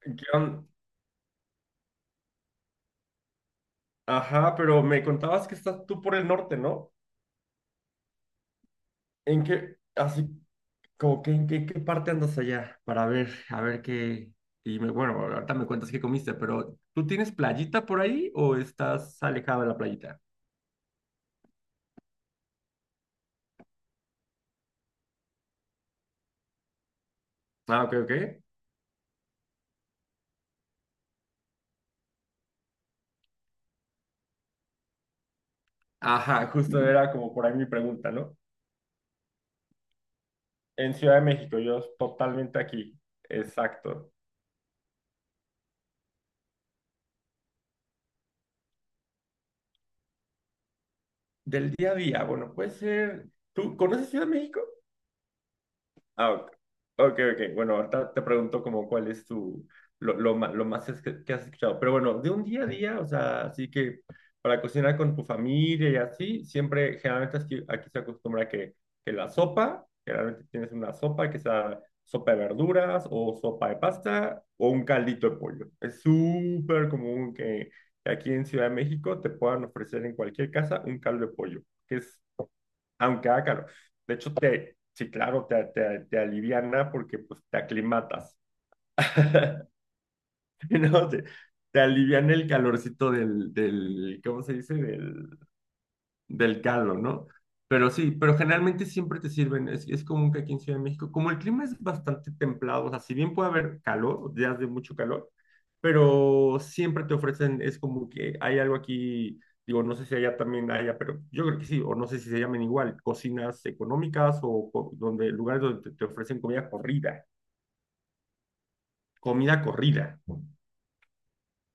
¿Qué on- Ajá, pero me contabas que estás tú por el norte, ¿no? ¿En qué, así, como que en qué, qué parte andas allá? Para ver, a ver qué. Bueno, ahorita me cuentas qué comiste, pero ¿tú tienes playita por ahí o estás alejado de la playita? Ah, ok, ok. Ajá, justo era como por ahí mi pregunta, ¿no? En Ciudad de México, yo totalmente aquí. Exacto. Del día a día, bueno, puede ser. ¿Tú conoces Ciudad de México? Ah, ok, ok. Ok. Bueno, ahorita te pregunto como cuál es tu, lo más es que has escuchado. Pero bueno, de un día a día, o sea, así que para cocinar con tu familia y así, siempre, generalmente aquí se acostumbra que la sopa, generalmente tienes una sopa que sea sopa de verduras o sopa de pasta o un caldito de pollo. Es súper común que, aquí en Ciudad de México te puedan ofrecer en cualquier casa un caldo de pollo, aunque haga calor. De hecho, te, sí, claro, te aliviana porque pues, te aclimatas. No, te aliviana el calorcito del ¿cómo se dice? Del, del caldo, ¿no? Pero sí, pero generalmente siempre te sirven, es común que aquí en Ciudad de México, como el clima es bastante templado, o sea, si bien puede haber calor, días de mucho calor, pero siempre te ofrecen, es como que hay algo aquí, digo, no sé si allá también haya, pero yo creo que sí, o no sé si se llamen igual, cocinas económicas o, co- donde lugares donde te ofrecen comida corrida, comida corrida.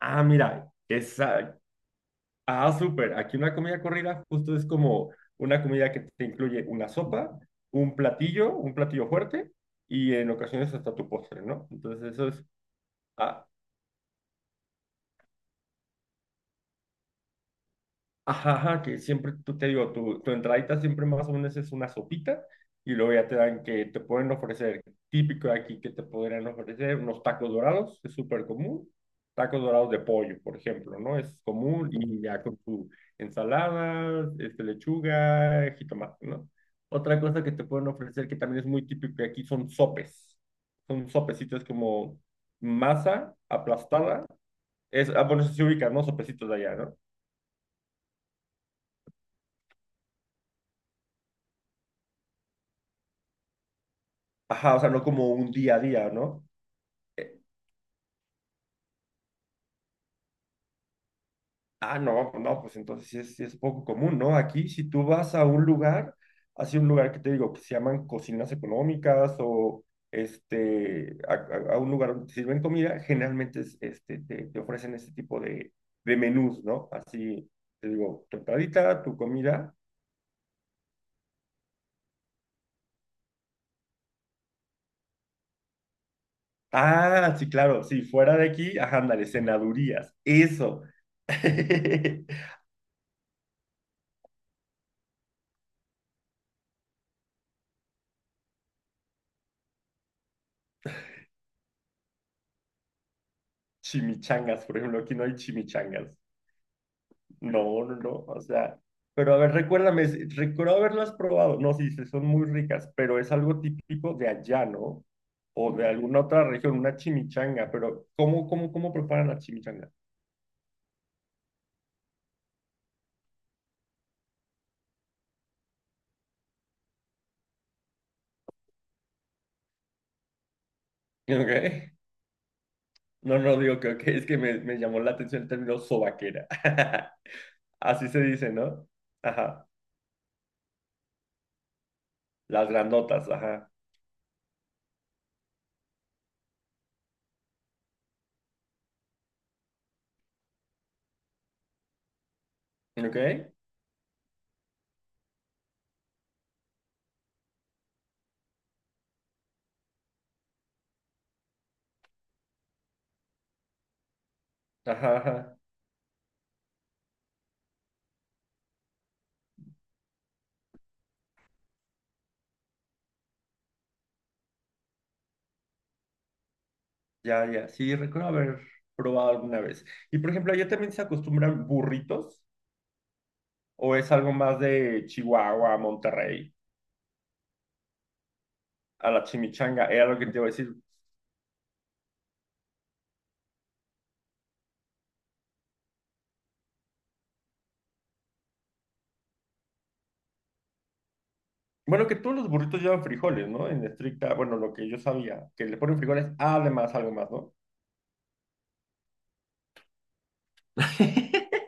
Ah, mira, ah, súper. Aquí una comida corrida justo es como una comida que te incluye una sopa, un platillo fuerte y en ocasiones hasta tu postre, ¿no? Entonces eso es, ah, ajá, ajá, que siempre, tú te digo, tu entradita siempre más o menos es una sopita y luego ya te dan que te pueden ofrecer, típico de aquí que te podrían ofrecer unos tacos dorados, es súper común, tacos dorados de pollo, por ejemplo, ¿no? Es común y ya con tu ensalada, este, lechuga, jitomate, ¿no? Otra cosa que te pueden ofrecer que también es muy típico de aquí son sopes, son sopecitos como masa aplastada, es, ah, bueno, eso sí se ubica, ¿no? Sopecitos de allá, ¿no? Ajá, o sea, no como un día a día, ¿no? Ah, no, no, pues entonces sí es poco común, ¿no? Aquí, si tú vas a un lugar, así un lugar que te digo, que se llaman cocinas económicas o este, a un lugar donde te sirven comida, generalmente es, este, te ofrecen este tipo de menús, ¿no? Así, te digo, tu entradita, tu comida. Ah, sí, claro, sí, fuera de aquí, ajá, ándale, cenadurías, eso. Chimichangas, por ejemplo, aquí no hay chimichangas. No, no, no, o sea, pero a ver, recuérdame, recuerdo haberlas probado. No, sí, sí, son muy ricas, pero es algo típico de allá, ¿no? O de alguna otra región, una chimichanga, pero ¿cómo preparan la chimichanga? Ok. No, no digo que ok, es que me llamó la atención el término sobaquera. Así se dice, ¿no? Ajá. Las grandotas, ajá. Ok. Ajá, ajá. Ya, ya. Sí, recuerdo haber probado alguna vez. Y por ejemplo, allá también se acostumbran burritos. ¿O es algo más de Chihuahua, Monterrey, a la chimichanga? Era lo que te iba a decir. Bueno, que todos los burritos llevan frijoles, ¿no? En estricta, bueno, lo que yo sabía, que le ponen frijoles, además, algo más, ¿no?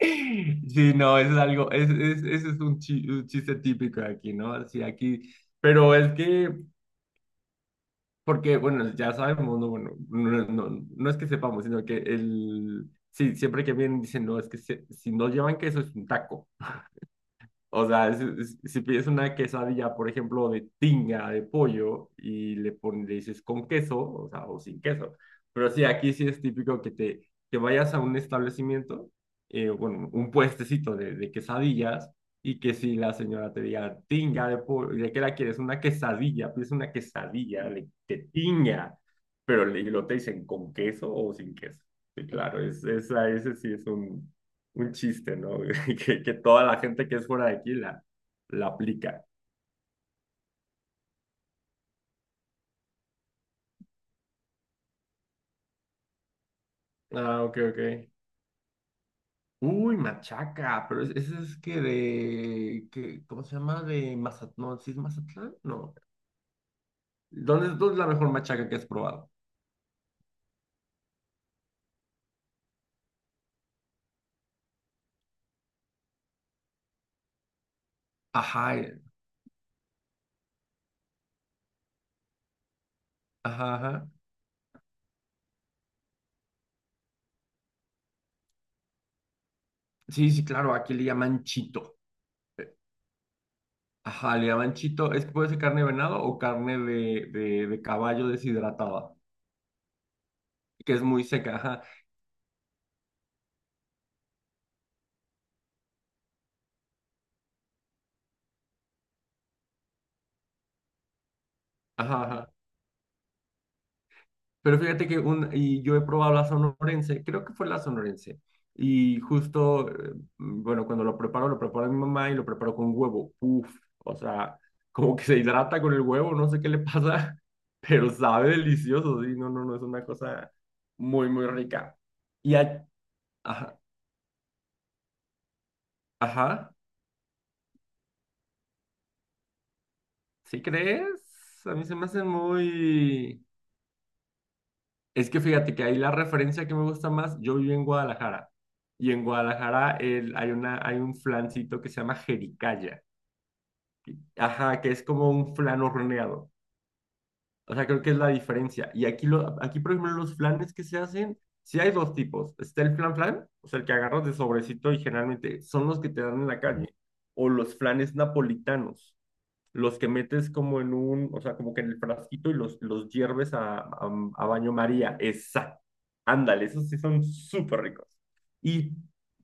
Sí, no, eso es algo, ese es un, un chiste típico de aquí, ¿no? Sí, aquí, pero es que, porque, bueno, ya sabemos, no, bueno, no, no, no es que sepamos, sino que el, sí, siempre que vienen dicen, no, es que si no llevan queso es un taco. O sea, si, si pides una quesadilla, por ejemplo, de tinga, de pollo, y le pones, le dices con queso, o sea, o sin queso. Pero sí, aquí sí es típico que te que vayas a un establecimiento, bueno, un puestecito de quesadillas, y que si la señora te diga tinga de pollo, ¿de qué la quieres? Una quesadilla, pides una quesadilla de tinga, pero le, lo te dicen con queso o sin queso. Sí, claro, es, esa, ese sí es un chiste, ¿no? Que toda la gente que es fuera de aquí la, la aplica. Ah, ok, ok. Uy, machaca, pero ese es que de, que, ¿cómo se llama? De Mazatlán, no, ¿sí es Mazatlán? No. Dónde es la mejor machaca que has probado? Ajá, ajá, ajá. Sí, sí, claro, aquí le llaman chito. Ajá, le llaman chito, es que puede ser carne de venado o carne de caballo deshidratada, que es muy seca, ajá. Pero fíjate que un, y yo he probado la sonorense, creo que fue la sonorense. Y justo, bueno, cuando lo preparo a mi mamá y lo preparo con huevo. Uf, o sea, como que se hidrata con el huevo, no sé qué le pasa, pero sabe delicioso, sí, no, no, no, es una cosa muy, muy rica. Y, a- ajá, ajá, ¿sí crees? A mí se me hace muy... Es que fíjate que ahí la referencia que me gusta más, yo vivo en Guadalajara y en Guadalajara hay una, hay un flancito que se llama jericaya, ajá, que es como un flan horneado. O sea, creo que es la diferencia. Y aquí, lo, aquí por ejemplo, los flanes que se hacen, sí hay dos tipos. Está el flan flan, o sea, el que agarras de sobrecito y generalmente son los que te dan en la calle, o los flanes napolitanos, los que metes como en un, o sea, como que en el frasquito y los hierves a baño María. Exacto. Ándale, esos sí son súper ricos. Y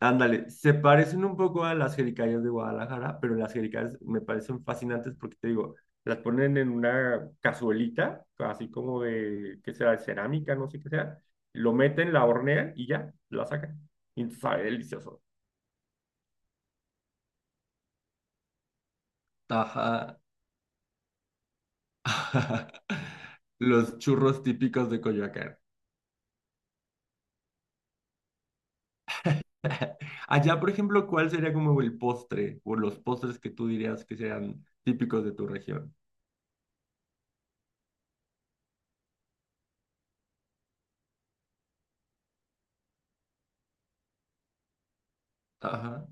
ándale, se parecen un poco a las jericayas de Guadalajara, pero las jericayas me parecen fascinantes porque te digo, las ponen en una cazuelita, así como de, ¿qué será? De cerámica, no sé qué sea. Lo meten, la hornean y ya, la sacan. Y sabe delicioso. Ajá. Los churros típicos de Coyoacán. Allá, por ejemplo, ¿cuál sería como el postre o los postres que tú dirías que sean típicos de tu región? Ajá,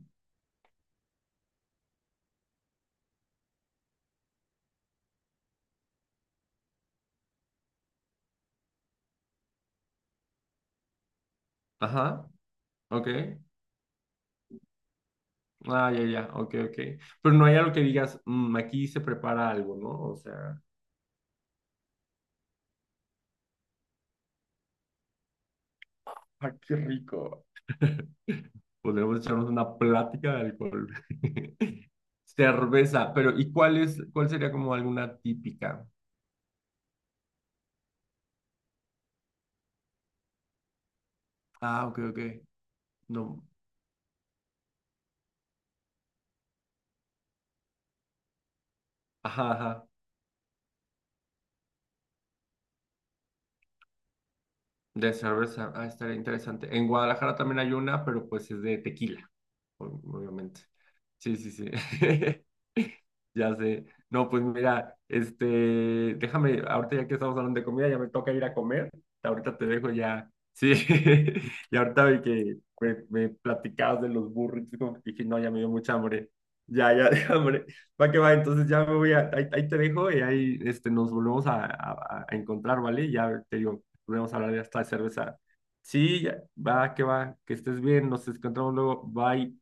ajá, ok. Ah, ya, ya, ok, ok. Pero no hay algo que digas, "Mm, aquí se prepara algo", ¿no? O sea, ah, qué rico. Podríamos echarnos una plática de alcohol. Cerveza, pero ¿y cuál es, cuál sería como alguna típica? Ah, ok, ok. No, ajá, ajá. De cerveza, ah, estaría interesante. En Guadalajara también hay una, pero pues es de tequila. Obviamente. Sí, sí, sí. Ya sé. No, pues mira, este, déjame, ahorita ya que estamos hablando de comida, ya me toca ir a comer. Ahorita te dejo ya. Sí, y ahorita vi que me platicabas de los burritos, como que dije, no, ya me dio mucha hambre. Ya, ya, de hambre. Va que va, entonces ya me voy a, ahí, ahí te dejo y ahí este, nos volvemos a encontrar, ¿vale? Ya te digo, volvemos a hablar de esta cerveza. Sí, ya, va, que estés bien, nos encontramos luego, bye.